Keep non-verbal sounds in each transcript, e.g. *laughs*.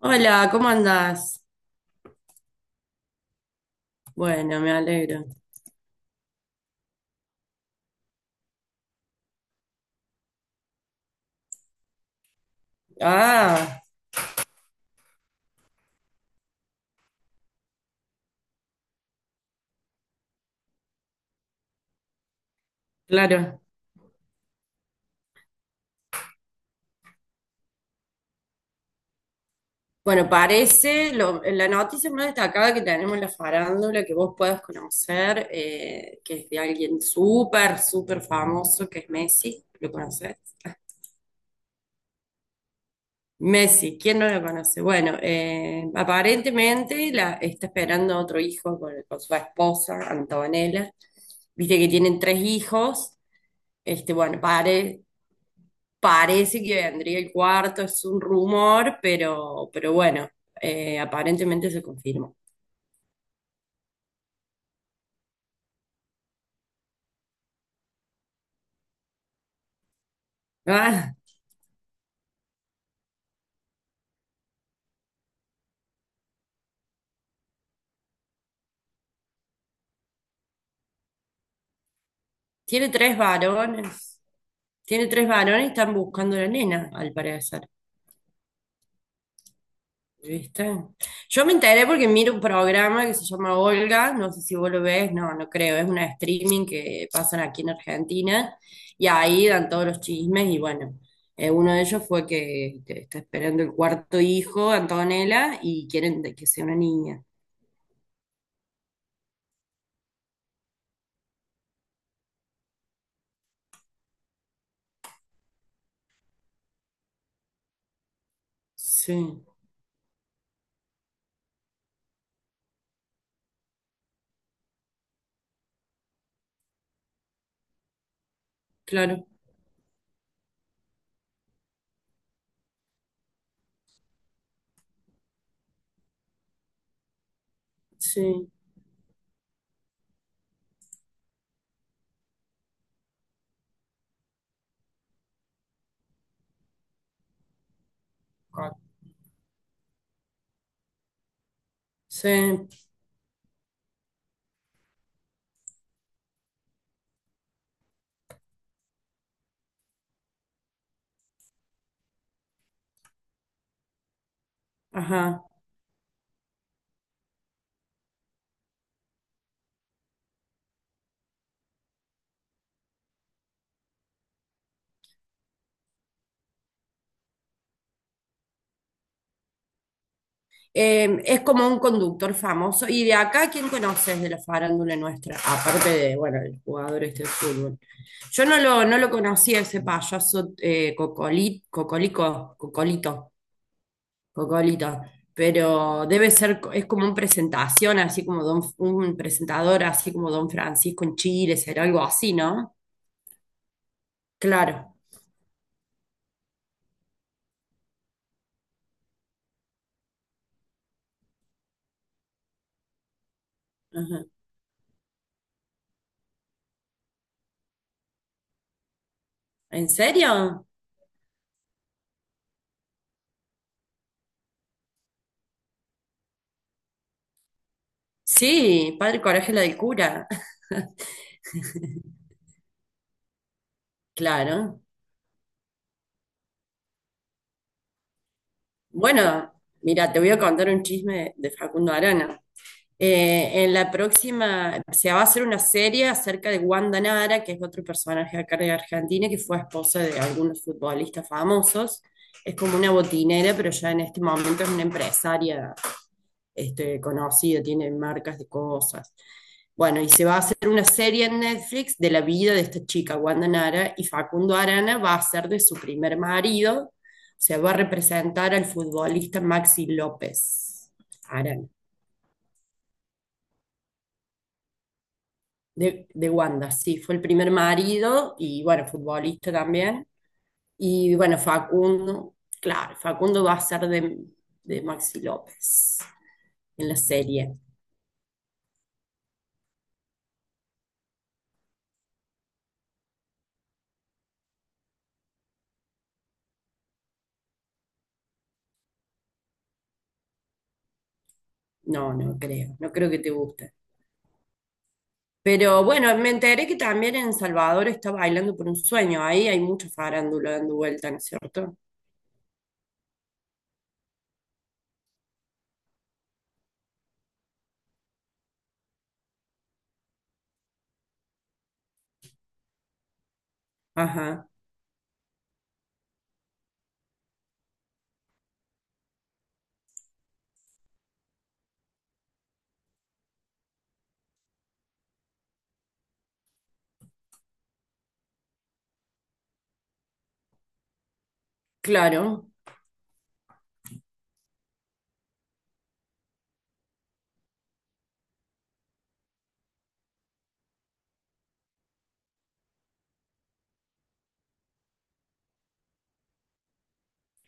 Hola, ¿cómo andás? Bueno, me alegro. Ah, claro. Bueno, parece la noticia más destacada que tenemos en la farándula que vos puedas conocer, que es de alguien súper, súper famoso, que es Messi. ¿Lo conoces? Messi, ¿quién no lo conoce? Bueno, aparentemente está esperando otro hijo con su esposa, Antonella. Viste que tienen tres hijos. Bueno, parece que vendría el cuarto, es un rumor, pero bueno, aparentemente se confirmó. Ah, tiene tres varones. Tiene tres varones y están buscando a la nena, al parecer. ¿Viste? Yo me enteré porque miro un programa que se llama Olga, no sé si vos lo ves, no, no creo, es una streaming que pasan aquí en Argentina y ahí dan todos los chismes y bueno, uno de ellos fue que está esperando el cuarto hijo, Antonella, y quieren de que sea una niña. Sí, claro, sí, sí, ajá. Es como un conductor famoso. ¿Y de acá quién conoces de la farándula nuestra? Aparte de, bueno, el jugador este de fútbol. Yo no lo, no lo conocía ese payaso Cocolito, Cocolito. Pero debe ser, es como una presentación, así como don, un presentador, así como Don Francisco en Chile, será algo así, ¿no? Claro. Ajá. ¿En serio? Sí, Padre Coraje la del cura. *laughs* Claro. Bueno, mira, te voy a contar un chisme de Facundo Arana. En la próxima se va a hacer una serie acerca de Wanda Nara, que es otro personaje acá de Argentina, que fue esposa de algunos futbolistas famosos. Es como una botinera, pero ya en este momento es una empresaria este, conocida, tiene marcas de cosas. Bueno, y se va a hacer una serie en Netflix de la vida de esta chica, Wanda Nara, y Facundo Arana va a ser de su primer marido, se va a representar al futbolista Maxi López Arana, de Wanda, sí, fue el primer marido y bueno, futbolista también. Y bueno, Facundo, claro, Facundo va a ser de Maxi López en la serie. No, no creo, no creo que te guste. Pero bueno, me enteré que también en Salvador está bailando por un sueño. Ahí hay mucho farándula dando vuelta, ¿no es cierto? Ajá, claro,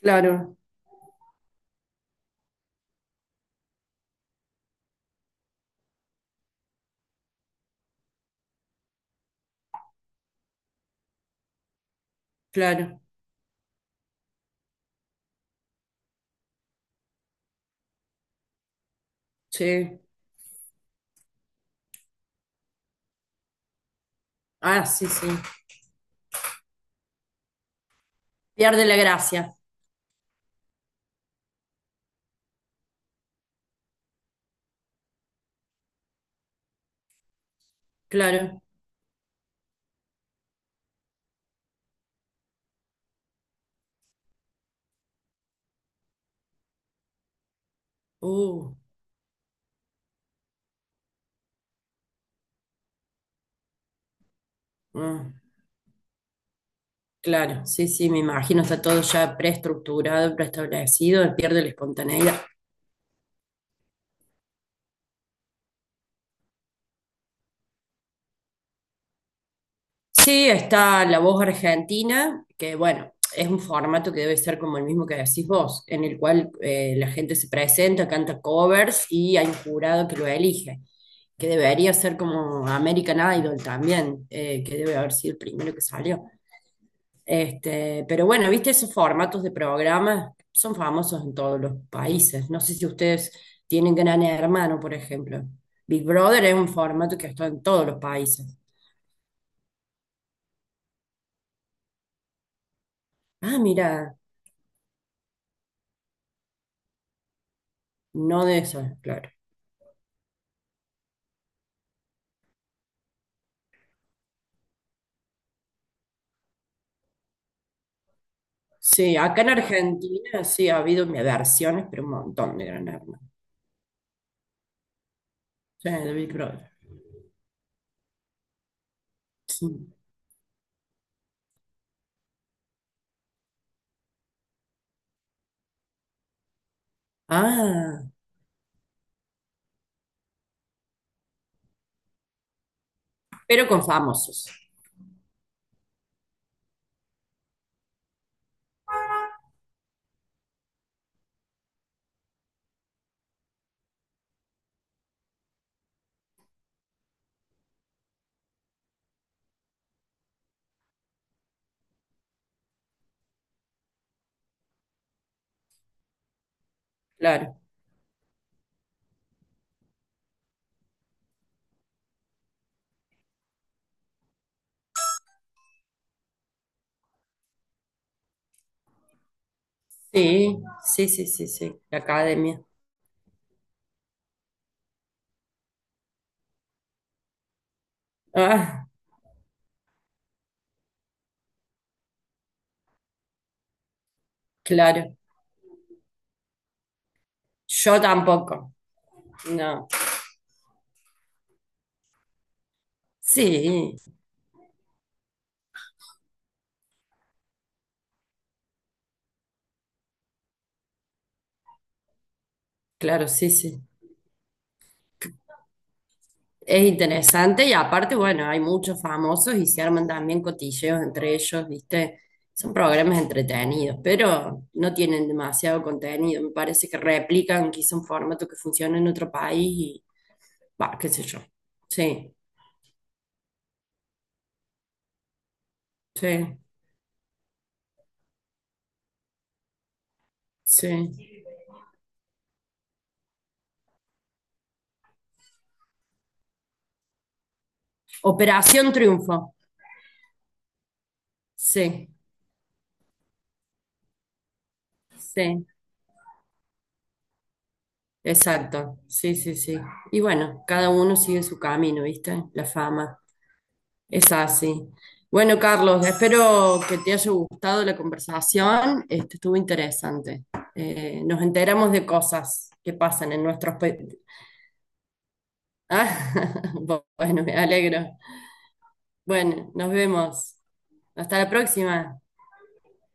claro, claro, sí. Ah, sí, sí. Pierde la gracia, claro. Uh, ah, claro, sí, sí, me imagino, está todo ya preestructurado, preestablecido, pierde la espontaneidad. Sí, está La Voz Argentina, que bueno, es un formato que debe ser como el mismo que decís vos, en el cual la gente se presenta, canta covers y hay un jurado que lo elige, que debería ser como American Idol también, que debe haber sido el primero que salió. Este, pero bueno, viste esos formatos de programas son famosos en todos los países. No sé si ustedes tienen Gran Hermano, por ejemplo. Big Brother es un formato que está en todos los países. Ah, mira, no de esos, claro. Sí, acá en Argentina sí ha habido versiones, pero un montón de Gran Hermano. Sí, de Big Brother. Sí. Ah, pero con famosos, claro. Sí, sí, sí, sí, sí. La academia. Ah, claro. Yo tampoco. No. Sí, claro, sí, sí. Es interesante y aparte, bueno, hay muchos famosos y se arman también cotilleos entre ellos, ¿viste? Son programas entretenidos, pero no tienen demasiado contenido. Me parece que replican quizá un formato que funciona en otro país y, va, qué sé yo. Sí, sí, sí. Operación Triunfo. Sí, sí, exacto. Sí, sí, sí. Y bueno, cada uno sigue su camino, ¿viste? La fama. Es así. Bueno, Carlos, espero que te haya gustado la conversación. Este, estuvo interesante. Nos enteramos de cosas que pasan en nuestros países. Ah, *laughs* bueno, me alegro. Bueno, nos vemos. Hasta la próxima.